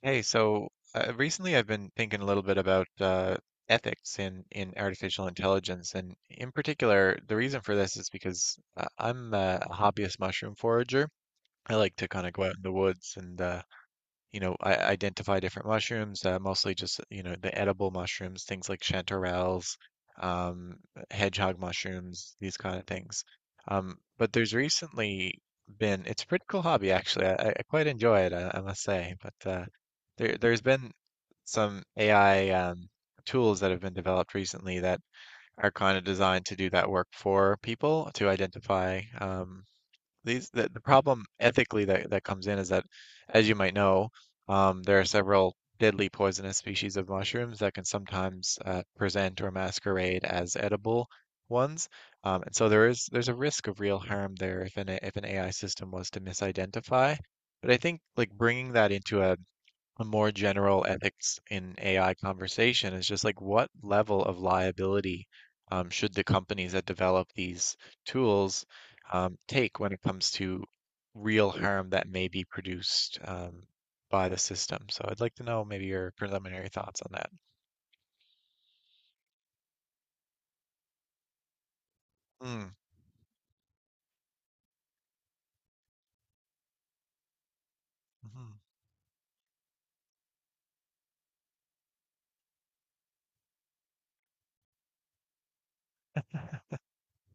Hey, recently I've been thinking a little bit about ethics in artificial intelligence, and in particular, the reason for this is because I'm a hobbyist mushroom forager. I like to kind of go out in the woods and I identify different mushrooms, mostly just, you know, the edible mushrooms, things like chanterelles, um, hedgehog mushrooms, these kind of things. But there's recently been, It's a pretty cool hobby actually. I quite enjoy it, I must say. But there's been some AI tools that have been developed recently that are kind of designed to do that work for people to identify the problem ethically that comes in is that, as you might know, there are several deadly poisonous species of mushrooms that can sometimes present or masquerade as edible ones. And so there's a risk of real harm there if an AI system was to misidentify. But I think like bringing that into a more general ethics in AI conversation is just like what level of liability should the companies that develop these tools take when it comes to real harm that may be produced by the system? So I'd like to know maybe your preliminary thoughts on that. Mm, mhm.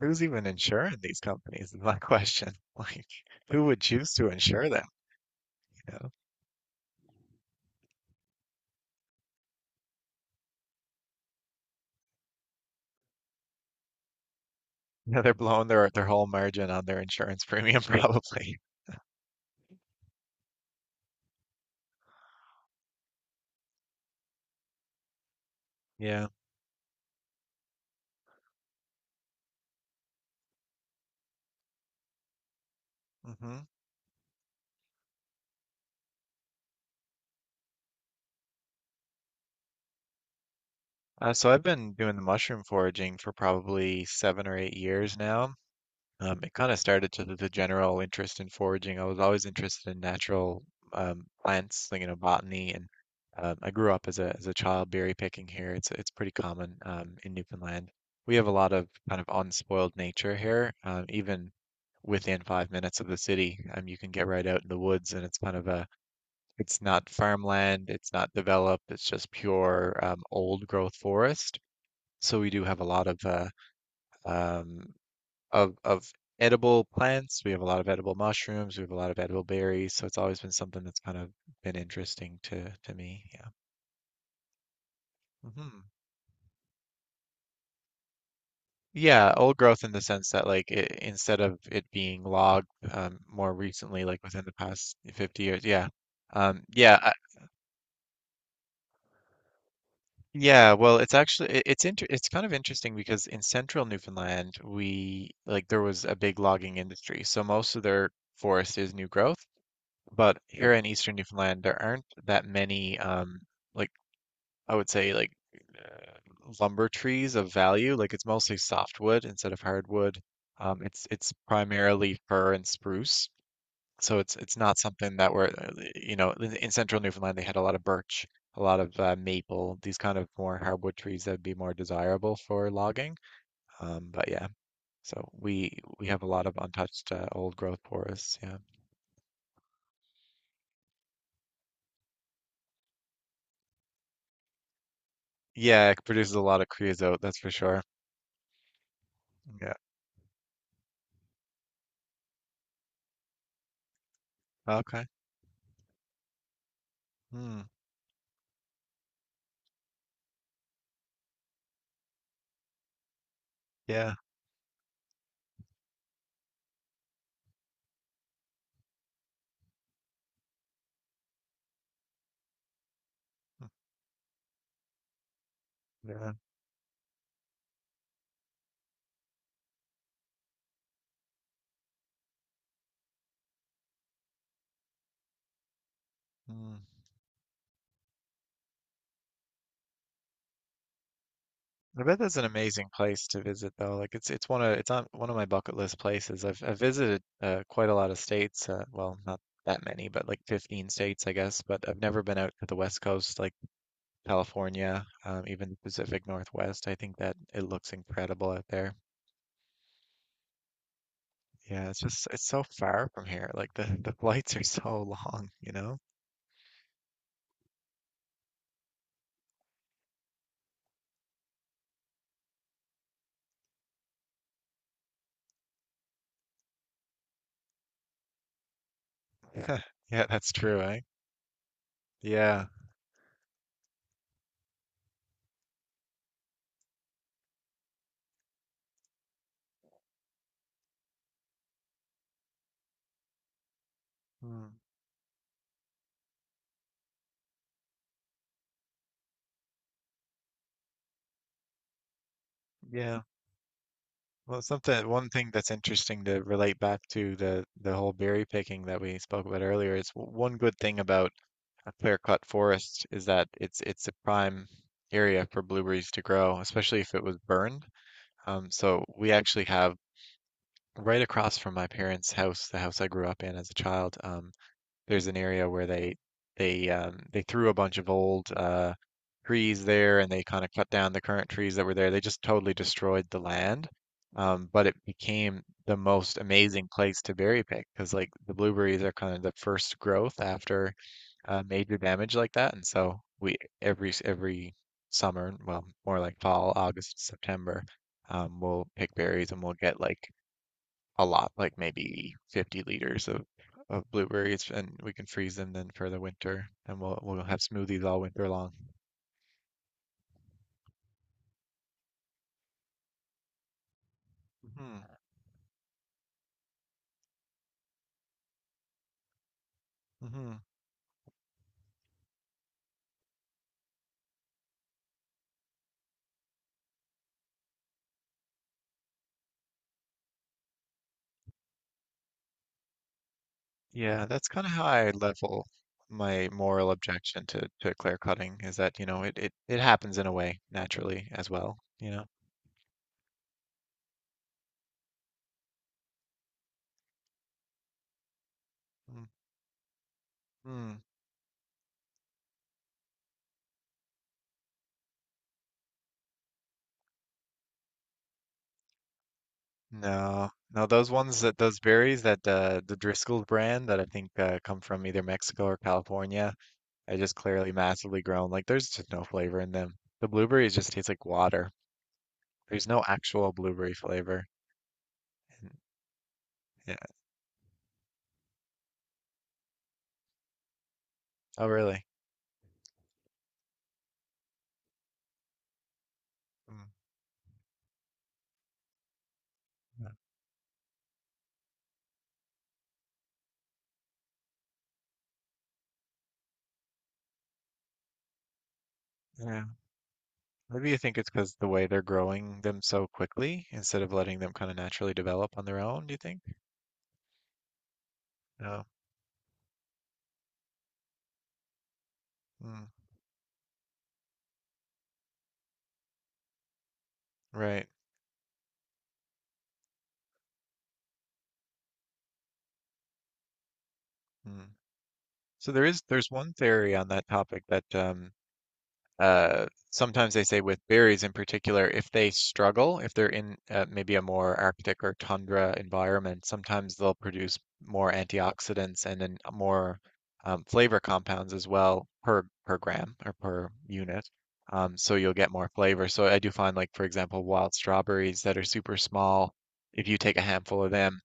Who's even insuring these companies is my question. Like, who would choose to insure them? You know? Yeah, they're blowing their whole margin on their insurance premium probably. Yeah. Hmm. So I've been doing the mushroom foraging for probably seven or eight years now. It kind of started to The general interest in foraging. I was always interested in natural plants, like, you know, botany, and I grew up as a child berry picking here. It's pretty common in Newfoundland. We have a lot of kind of unspoiled nature here. Even within 5 minutes of the city, you can get right out in the woods, and it's kind of a it's not farmland, it's not developed, it's just pure old growth forest. So we do have a lot of um, of of edible plants. We have a lot of edible mushrooms. We have a lot of edible berries. So it's always been something that's kind of been interesting to me. Yeah. Hmm. Yeah, old growth in the sense that like instead of it being logged more recently, like within the past 50 years. Yeah. Um, yeah. I, yeah. Well, it's inter it's kind of interesting because in central Newfoundland, we like there was a big logging industry. So most of their forest is new growth. But here in Eastern Newfoundland, there aren't that many, like I would say, like lumber trees of value. Like it's mostly softwood instead of hardwood. It's primarily fir and spruce, so it's not something that we're, you know, in central Newfoundland they had a lot of birch, a lot of maple, these kind of more hardwood trees that would be more desirable for logging. But yeah, so we have a lot of untouched old growth forests. Yeah, yeah, it produces a lot of creosote, that's for sure. Yeah. Okay. Mm. Yeah. Mm. Yeah. Mm. I bet that's an amazing place to visit though. Like it's on one of my bucket list places. I've visited quite a lot of states. Well, not that many, but like 15 states, I guess. But I've never been out to the West Coast, like California, even the Pacific Northwest. I think that it looks incredible out there. Yeah, it's so far from here. Like the flights are so long, you know? Yeah, that's true, eh? Yeah. Mm. Yeah. Well, something one thing that's interesting to relate back to the whole berry picking that we spoke about earlier is one good thing about a clear-cut forest is that it's a prime area for blueberries to grow, especially if it was burned. So we actually have right across from my parents' house, the house I grew up in as a child. There's an area where they threw a bunch of old trees there and they kind of cut down the current trees that were there. They just totally destroyed the land. But it became the most amazing place to berry pick because like the blueberries are kind of the first growth after major damage like that. And so we every summer, well, more like fall, August, September, we'll pick berries and we'll get like a lot, like maybe 50 liters of blueberries, and we can freeze them then for the winter, and we'll have smoothies all winter long. Hmm. Hmm. Yeah, that's kind of how I level my moral objection to clear cutting is that, you know, it happens in a way naturally as well, you know. Mm. Mm. No, no, those ones, that those berries that the Driscoll's brand that I think come from either Mexico or California. They're just clearly massively grown. Like there's just no flavor in them. The blueberries just taste like water. There's no actual blueberry flavor. And, yeah. Oh, really? Mm, yeah. Yeah. Maybe you think it's because the way they're growing them so quickly instead of letting them kind of naturally develop on their own, do you think? No. Mm, right. Mm. There's one theory on that topic that sometimes they say with berries in particular, if they struggle, if they're in maybe a more Arctic or tundra environment, sometimes they'll produce more antioxidants and then more flavor compounds as well per gram or per unit. So you'll get more flavor. So I do find like, for example, wild strawberries that are super small, if you take a handful of them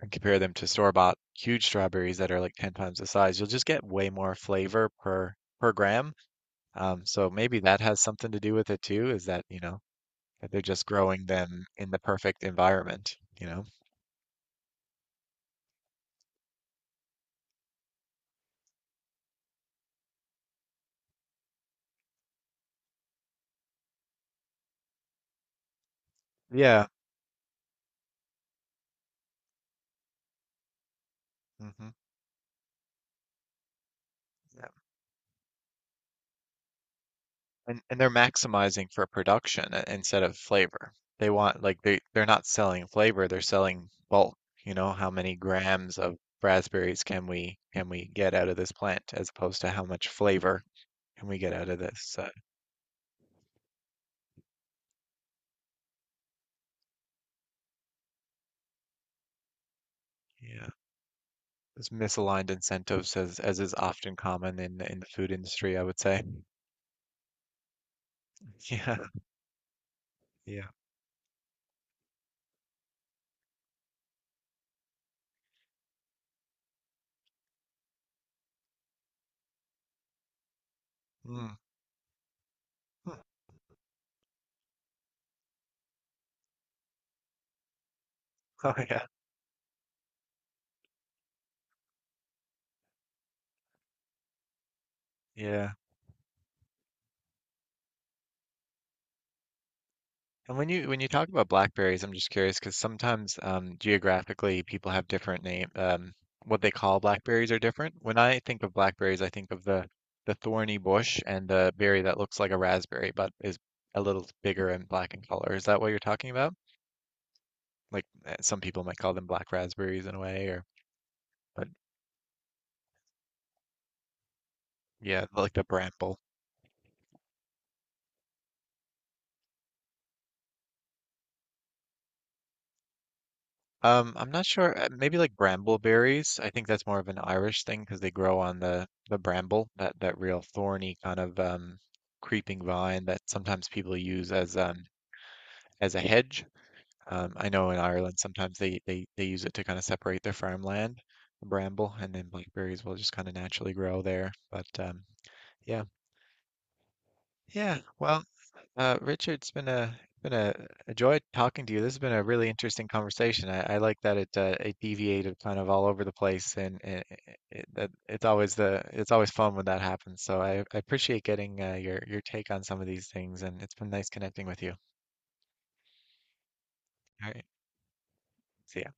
and compare them to store-bought huge strawberries that are like 10 times the size, you'll just get way more flavor per gram. So maybe that has something to do with it too, is that, you know, that they're just growing them in the perfect environment, you know? Yeah. Hmm. Yeah. And they're maximizing for production instead of flavor. They want like they're not selling flavor, they're selling bulk, you know, how many grams of raspberries can we get out of this plant as opposed to how much flavor can we get out of this yeah. This misaligned incentives as is often common in the food industry, I would say. Yeah. Yeah. Mm. Hmm. Oh yeah, yeah. And when you talk about blackberries, I'm just curious because sometimes geographically people have different name. What they call blackberries are different. When I think of blackberries, I think of the thorny bush and the berry that looks like a raspberry but is a little bigger and black in color. Is that what you're talking about? Like eh, some people might call them black raspberries in a way, or but yeah, like the bramble. I'm not sure. Uh, maybe like brambleberries. I think that's more of an Irish thing because they grow on the bramble, that real thorny kind of creeping vine that sometimes people use as a hedge. I know in Ireland sometimes they use it to kind of separate their farmland, the bramble, and then blackberries will just kind of naturally grow there. But yeah, yeah. Well. Richard, it's been a joy talking to you. This has been a really interesting conversation. I like that it deviated kind of all over the place, and, that it's always the it's always fun when that happens. So I appreciate getting your take on some of these things, and it's been nice connecting with you. All right, see ya.